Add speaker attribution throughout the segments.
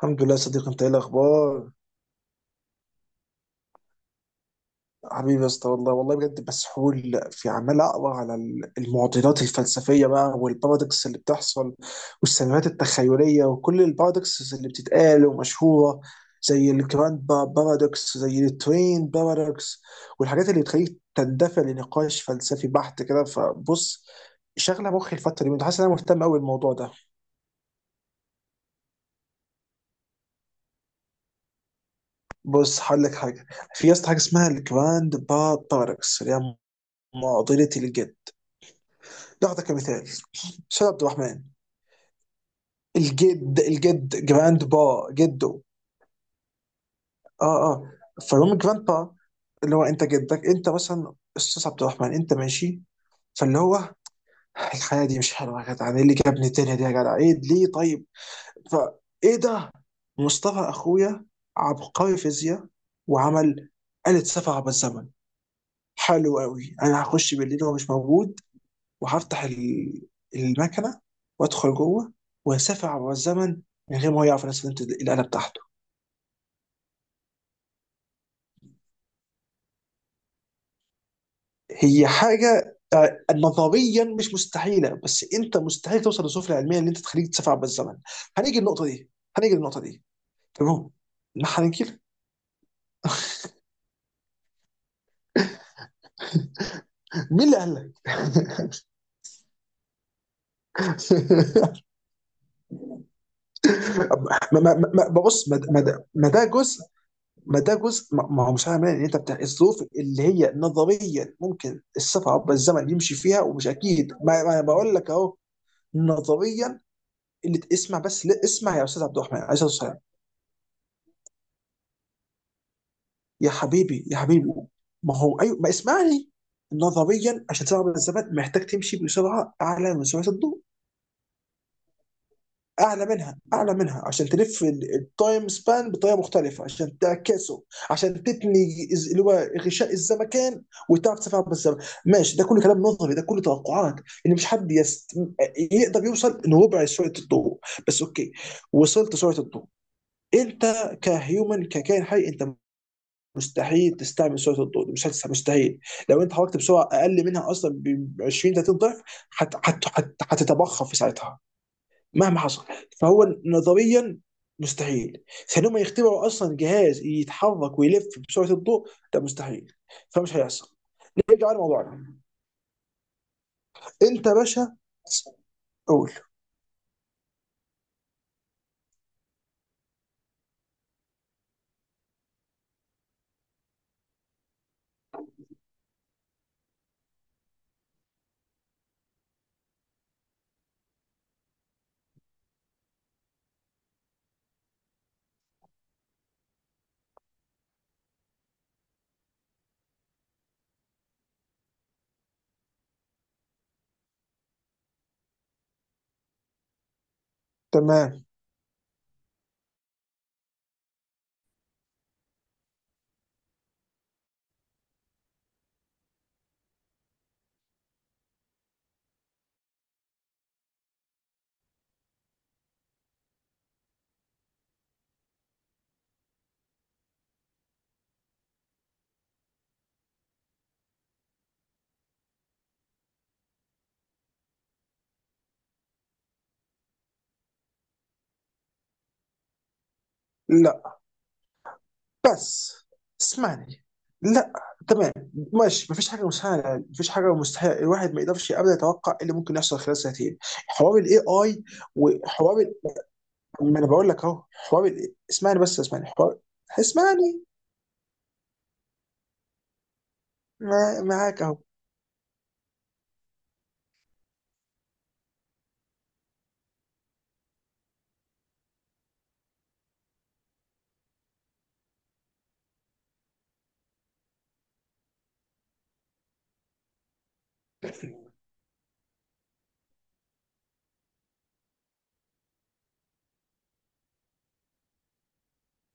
Speaker 1: الحمد لله يا صديقي، انت ايه الاخبار؟ حبيبي يا اسطى، والله والله بجد مسحول، في عمال اقرا على المعضلات الفلسفيه بقى، والبارادوكس اللي بتحصل والسيناريوهات التخيليه، وكل البارادوكس اللي بتتقال ومشهوره، زي الجراند بارادوكس، زي التوين بارادوكس، والحاجات اللي بتخليك تندفع لنقاش فلسفي بحت كده. فبص، شغله مخي الفتره دي، حاسس ان انا مهتم قوي بالموضوع ده. بص هقول لك حاجه. في يا اسطى حاجه اسمها الجراند با بارادوكس، اللي هي معضله الجد. ناخذه كمثال. استاذ عبد الرحمن، الجد الجد جراند با جده. اه. اه. فالمهم جراند با، اللي هو انت جدك، انت مثلا استاذ عبد الرحمن، انت ماشي. فاللي هو، الحياه دي مش حلوه يا جدع، ايه اللي جابني الدنيا دي يا جدع، ايه ليه طيب؟ فايه ده؟ مصطفى اخويا، عبقري فيزياء، وعمل آلة سفر عبر الزمن. حلو قوي، انا هخش بالليل وهو مش موجود، وهفتح المكنه، وادخل جوه، واسافر عبر الزمن، من غير ما هو يعرف انا استخدمت الاله بتاعته. هي حاجه آه، نظريا مش مستحيله، بس انت مستحيل توصل للسفلى العلميه ان انت تخليك تسافر عبر الزمن. هنيجي النقطه دي. هنيجي النقطه دي. تمام. ما هننكر. مين اللي قال لك؟ بص، ما ده جزء. ما ده جزء. ما، هو مش معنى ان انت بتاع الظروف اللي هي نظريا ممكن السفر عبر الزمن يمشي فيها، ومش اكيد. ما انا بقول لك اهو، نظريا. اسمع بس، لا اسمع يا استاذ عبد الرحمن عليه الصلاه والسلام. يا حبيبي يا حبيبي، ما هو ايوه، ما اسمعني. نظريا عشان تسافر عبر الزمن، محتاج تمشي بسرعه اعلى من سرعه الضوء. اعلى منها، اعلى منها، عشان تلف التايم سبان بطريقه مختلفه، عشان تعكسه، عشان تتني، اللي هو غشاء الزمكان، وتعرف تسافر عبر الزمن. ماشي، ده كله كلام نظري، ده كله توقعات. ان مش حد يست... يقدر يوصل لربع سرعه الضوء بس. اوكي، وصلت سرعه الضوء. انت كهيومن، ككائن حي، انت مستحيل تستعمل سرعه الضوء. مش هتستع- مستحيل. لو انت حركت بسرعه اقل منها اصلا ب 20 30 ضعف، هتتبخر في ساعتها مهما حصل. فهو نظريا مستحيل. ثانيا، ما يخترعوا اصلا جهاز يتحرك ويلف بسرعه الضوء. ده مستحيل، فمش هيحصل. نرجع على موضوعنا. انت يا باشا، قول. تمام. لا بس اسمعني. لا. تمام، ماشي، مفيش حاجه مسهله، مفيش حاجه مستحيل، الواحد ما يقدرش ابدا يتوقع إيه اللي ممكن يحصل خلال سنتين. حوار الاي اي، وحوار ال- ما انا بقول لك اهو، اسمعني بس، اسمعني، حوار. اسمعني. ما- معاك اهو.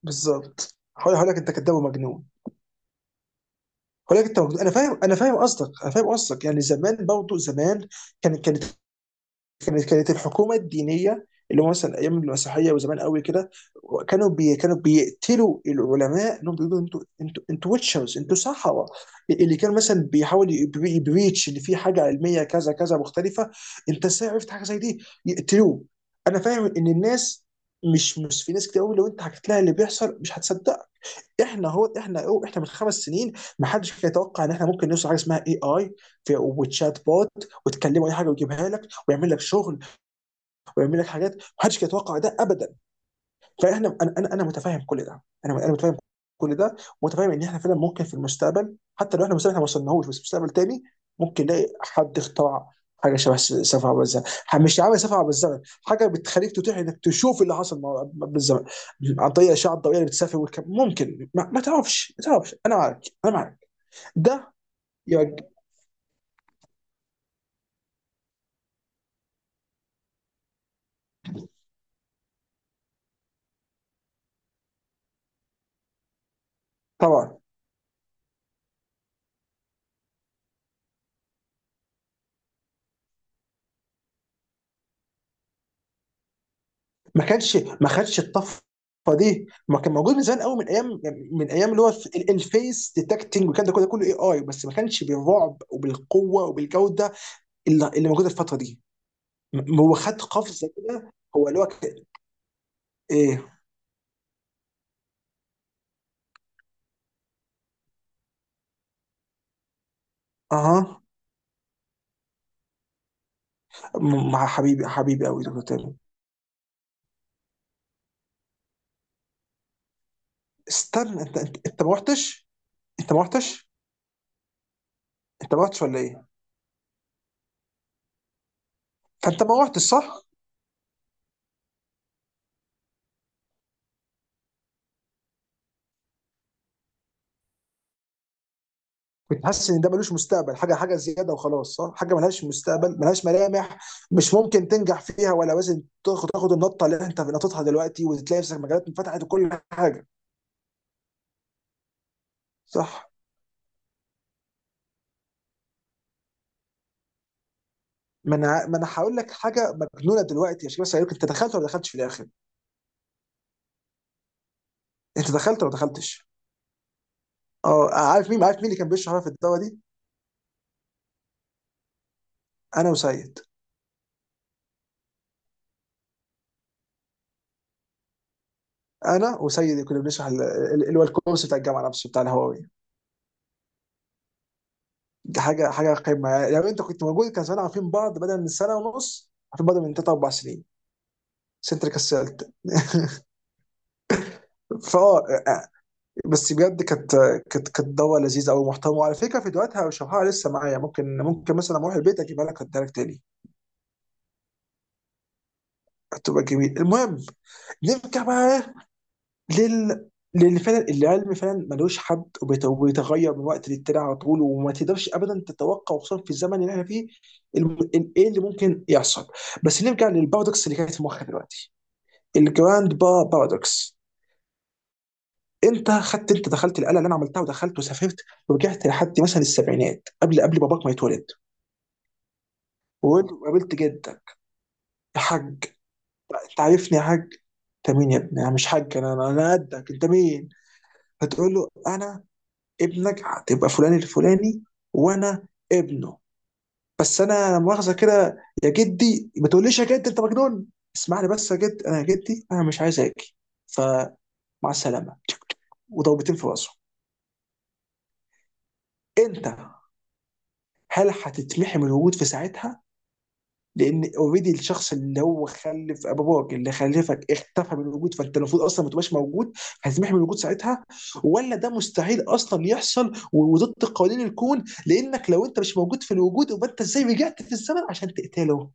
Speaker 1: بالظبط، هقول لك انت كداب ومجنون. هقول لك انت مجنون. انا فاهم، انا فاهم قصدك. يعني زمان برضه، زمان كان كانت كانت الحكومه الدينيه، اللي هو مثلا ايام المسيحيه وزمان قوي كده، كانوا بيقتلوا العلماء، انهم بيقولوا انتوا انتوا انتوا ويتشرز، انتوا سحره، اللي كان مثلا بيحاول يبريتش ان في حاجه علميه كذا كذا مختلفه، انت ازاي عرفت حاجه زي دي. يقتلوه. انا فاهم ان الناس، مش في ناس كتير قوي لو انت حكيت لها اللي بيحصل مش هتصدق. احنا، هو احنا أو احنا من 5 سنين، ما حدش كان يتوقع ان احنا ممكن نوصل حاجه اسمها اي اي، وتشات بوت، وتكلمه اي حاجه ويجيبها لك، ويعمل لك شغل، ويعمل لك حاجات، ما حدش كان يتوقع ده ابدا. فاحنا، انا انا أنا متفاهم كل ده، انا متفاهم كل ده، ومتفاهم ان احنا فعلا ممكن في المستقبل، حتى لو احنا المستقبل احنا ما وصلناهوش، بس في مستقبل تاني ممكن نلاقي حد اخترع حاجه شبه سفر عبر الزمن، مش عامل سفر عبر الزمن، حاجه بتخليك تتيح انك تشوف اللي حصل بالزمن، عن طريق الاشعه الضوئيه اللي بتسافر والكلام. ممكن ما تعرفش. انا معاك، انا معاك. ده يرج... طبعا. ما كانش ما خدش الطفره دي، ما كان موجود من زمان قوي، من ايام، من ايام اللي هو في الفيس ديتكتنج، وكان ده كله، كله اي اي، بس ما كانش بالرعب وبالقوه وبالجوده اللي موجوده الفتره دي. هو خد قفزه كده، هو اللي هو ايه. اها. مع، حبيبي حبيبي قوي دكتور تامر. استنى، انت ما رحتش. انت ما رحتش. انت ما رحتش ولا ايه؟ فانت ما رحتش صح؟ كنت حاسس ان ده ملوش مستقبل، حاجه حاجه زياده وخلاص، صح، حاجه ملهاش مستقبل، ملهاش ملامح، مش ممكن تنجح فيها، ولا لازم تاخد النطه اللي انت نطيتها دلوقتي وتلاقي نفسك مجالات انفتحت وكل حاجه. صح. ما انا هقول لك حاجه مجنونه دلوقتي. يا شباب، سألوك انت دخلت ولا ما دخلتش في الاخر. انت دخلت ولا ما دخلتش؟ اه. عارف مين، عارف مين اللي كان بيشرح في الدواء دي؟ انا وسيد. انا وسيد كنا بنشرح اللي هو الكورس بتاع الجامعه نفسه بتاع الهواوي. دي حاجه، حاجه قمه يعني، لو انت كنت موجود كان زمان عارفين بعض بدل من سنه ونص، عارفين بعض من ثلاث اربع سنين. ست كسلت. فاه. بس بجد كانت دوا لذيذه قوي محترمه، وعلى فكره فيديوهاتها وشرحها لسه معايا، ممكن مثلا اروح البيت اجيبها لك، اديها لك تاني. هتبقى جميل. المهم، نرجع بقى لل لان فعلا العلم فعلا ملوش حد، وبيتغير من وقت للتاني على طول، وما تقدرش ابدا تتوقع خصوصا في الزمن اللي احنا فيه ايه اللي ممكن يحصل. بس نرجع للبارادوكس اللي كانت في مخي دلوقتي، الجراند با بارادوكس. انت خدت، انت دخلت القلعه اللي انا عملتها، ودخلت وسافرت ورجعت لحد مثلا السبعينات، قبل باباك ما يتولد، وقابلت جدك. يا حاج، انت عارفني يا حاج؟ انت مين يا ابني؟ انا مش حاج، انا انا أنا قدك. انت مين؟ هتقول له انا ابنك، هتبقى فلان الفلاني وانا ابنه. بس انا مؤاخذه كده يا جدي، ما تقوليش يا جد، انت مجنون، اسمعني بس يا جد، انا يا جدي انا مش عايز اجي. فمع السلامه، وضربتين في راسه. انت، هل هتتمحي من الوجود في ساعتها؟ لان اوريدي الشخص اللي هو خلف باباك اللي خلفك اختفى من الوجود، فانت المفروض اصلا ما تبقاش موجود. هتتمحي من الوجود ساعتها، ولا ده مستحيل اصلا يحصل وضد قوانين الكون، لانك لو انت مش موجود في الوجود، يبقى انت ازاي رجعت في الزمن عشان تقتله؟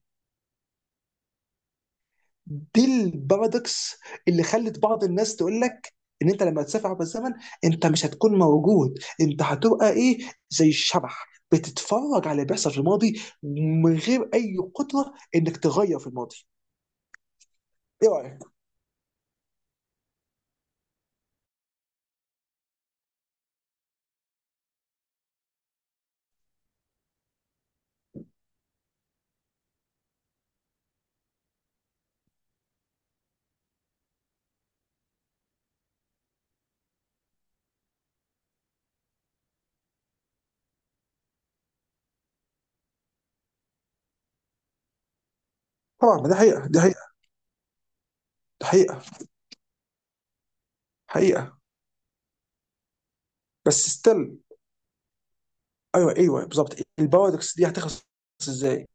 Speaker 1: دي البارادوكس اللي خلت بعض الناس تقول لك ان انت لما تسافر عبر الزمن، انت مش هتكون موجود، انت هتبقى ايه، زي الشبح، بتتفرج على اللي بيحصل في الماضي من غير اي قدره انك تغير في الماضي. ايه رايك؟ طبعا ما ده حقيقه، دي حقيقه، دي حقيقه، حقيقه. بس ستيل، ايوه ايوه بالظبط، البارادوكس دي هتخلص ازاي؟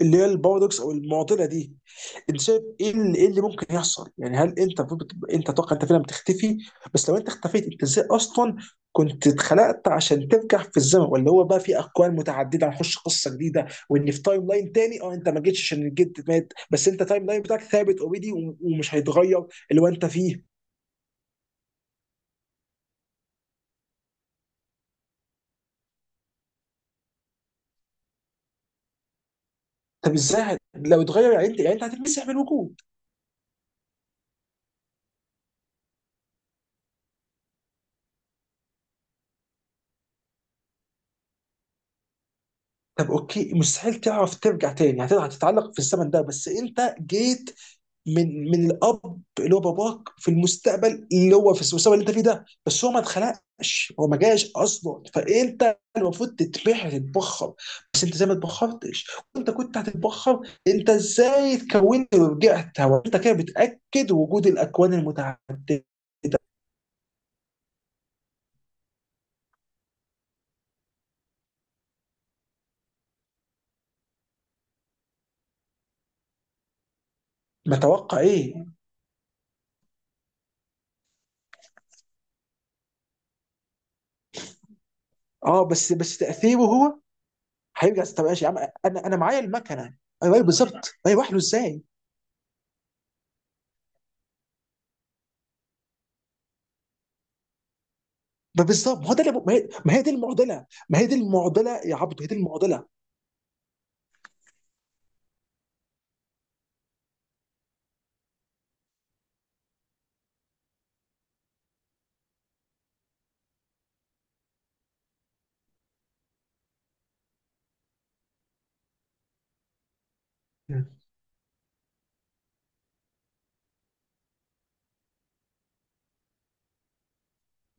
Speaker 1: اللي هي البارادوكس او المعضله دي، انت شايف ايه اللي، إيه اللي ممكن يحصل؟ يعني هل انت المفروض انت تتوقع انت فعلا بتختفي؟ بس لو انت اختفيت، انت ازاي اصلا كنت اتخلقت عشان ترجع في الزمن؟ ولا هو بقى في اكوان متعدده، هنخش قصه جديده، وان في تايم لاين تاني، اه، انت ما جيتش عشان الجد مات، بس انت تايم لاين بتاعك ثابت اوريدي ومش هيتغير، اللي هو انت فيه. طب ازاي لو اتغير، يعني انت، يعني انت هتتمسح من الوجود؟ طب اوكي، مستحيل تعرف ترجع تاني، هتقدر هتتعلق في الزمن ده. بس انت جيت من الاب اللي هو باباك في المستقبل، اللي هو في المستقبل اللي انت فيه ده، بس هو ما اتخلقش، هو ما جاش اصلا، فانت المفروض تتبخر. بس انت زي ما اتبخرتش، وانت كنت هتتبخر، انت ازاي اتكونت ورجعت؟ هو انت كده بتاكد وجود الاكوان المتعدده؟ ما توقع ايه؟ اه بس، بس تاثيره هو هيرجع. طب ماشي يا عم، انا انا معايا المكنه. ايوه، أيوة بالظبط، ما يروح له ازاي؟ ما بالظبط، ما هو ده ما هي، ما هي دي المعضله، ما هي دي المعضله يا عبد، هي دي المعضله. مم.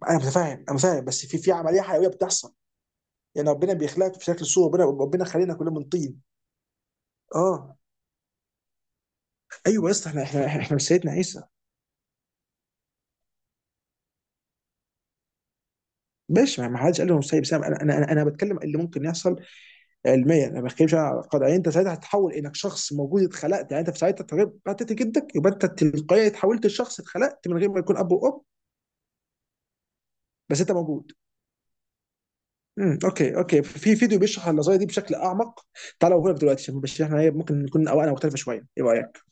Speaker 1: انا متفاهم، انا فاهم، بس في عمليه حيويه بتحصل، يعني ربنا بيخلقك في شكل صوره ربنا، ربنا خلينا كلنا من طين. اه. ايوه يا اسطى، احنا مش سيدنا عيسى. ماشي، ما ما حدش قال له مش سيد، بس انا انا انا أنا بتكلم اللي ممكن يحصل علميا، انا ما بتكلمش على قد يعني. انت ساعتها هتتحول انك شخص موجود اتخلقت، يعني انت في ساعتها طبيعي بتاعت جدك، يبقى انت تلقائيا اتحولت لشخص اتخلقت من غير ما يكون اب وام، بس انت موجود. امم، اوكي اوكي، في فيديو بيشرح النظريه دي بشكل اعمق. تعالوا هنا دلوقتي عشان بشرح احنا ايه ممكن نكون اوقات مختلفه شويه. ايه رايك؟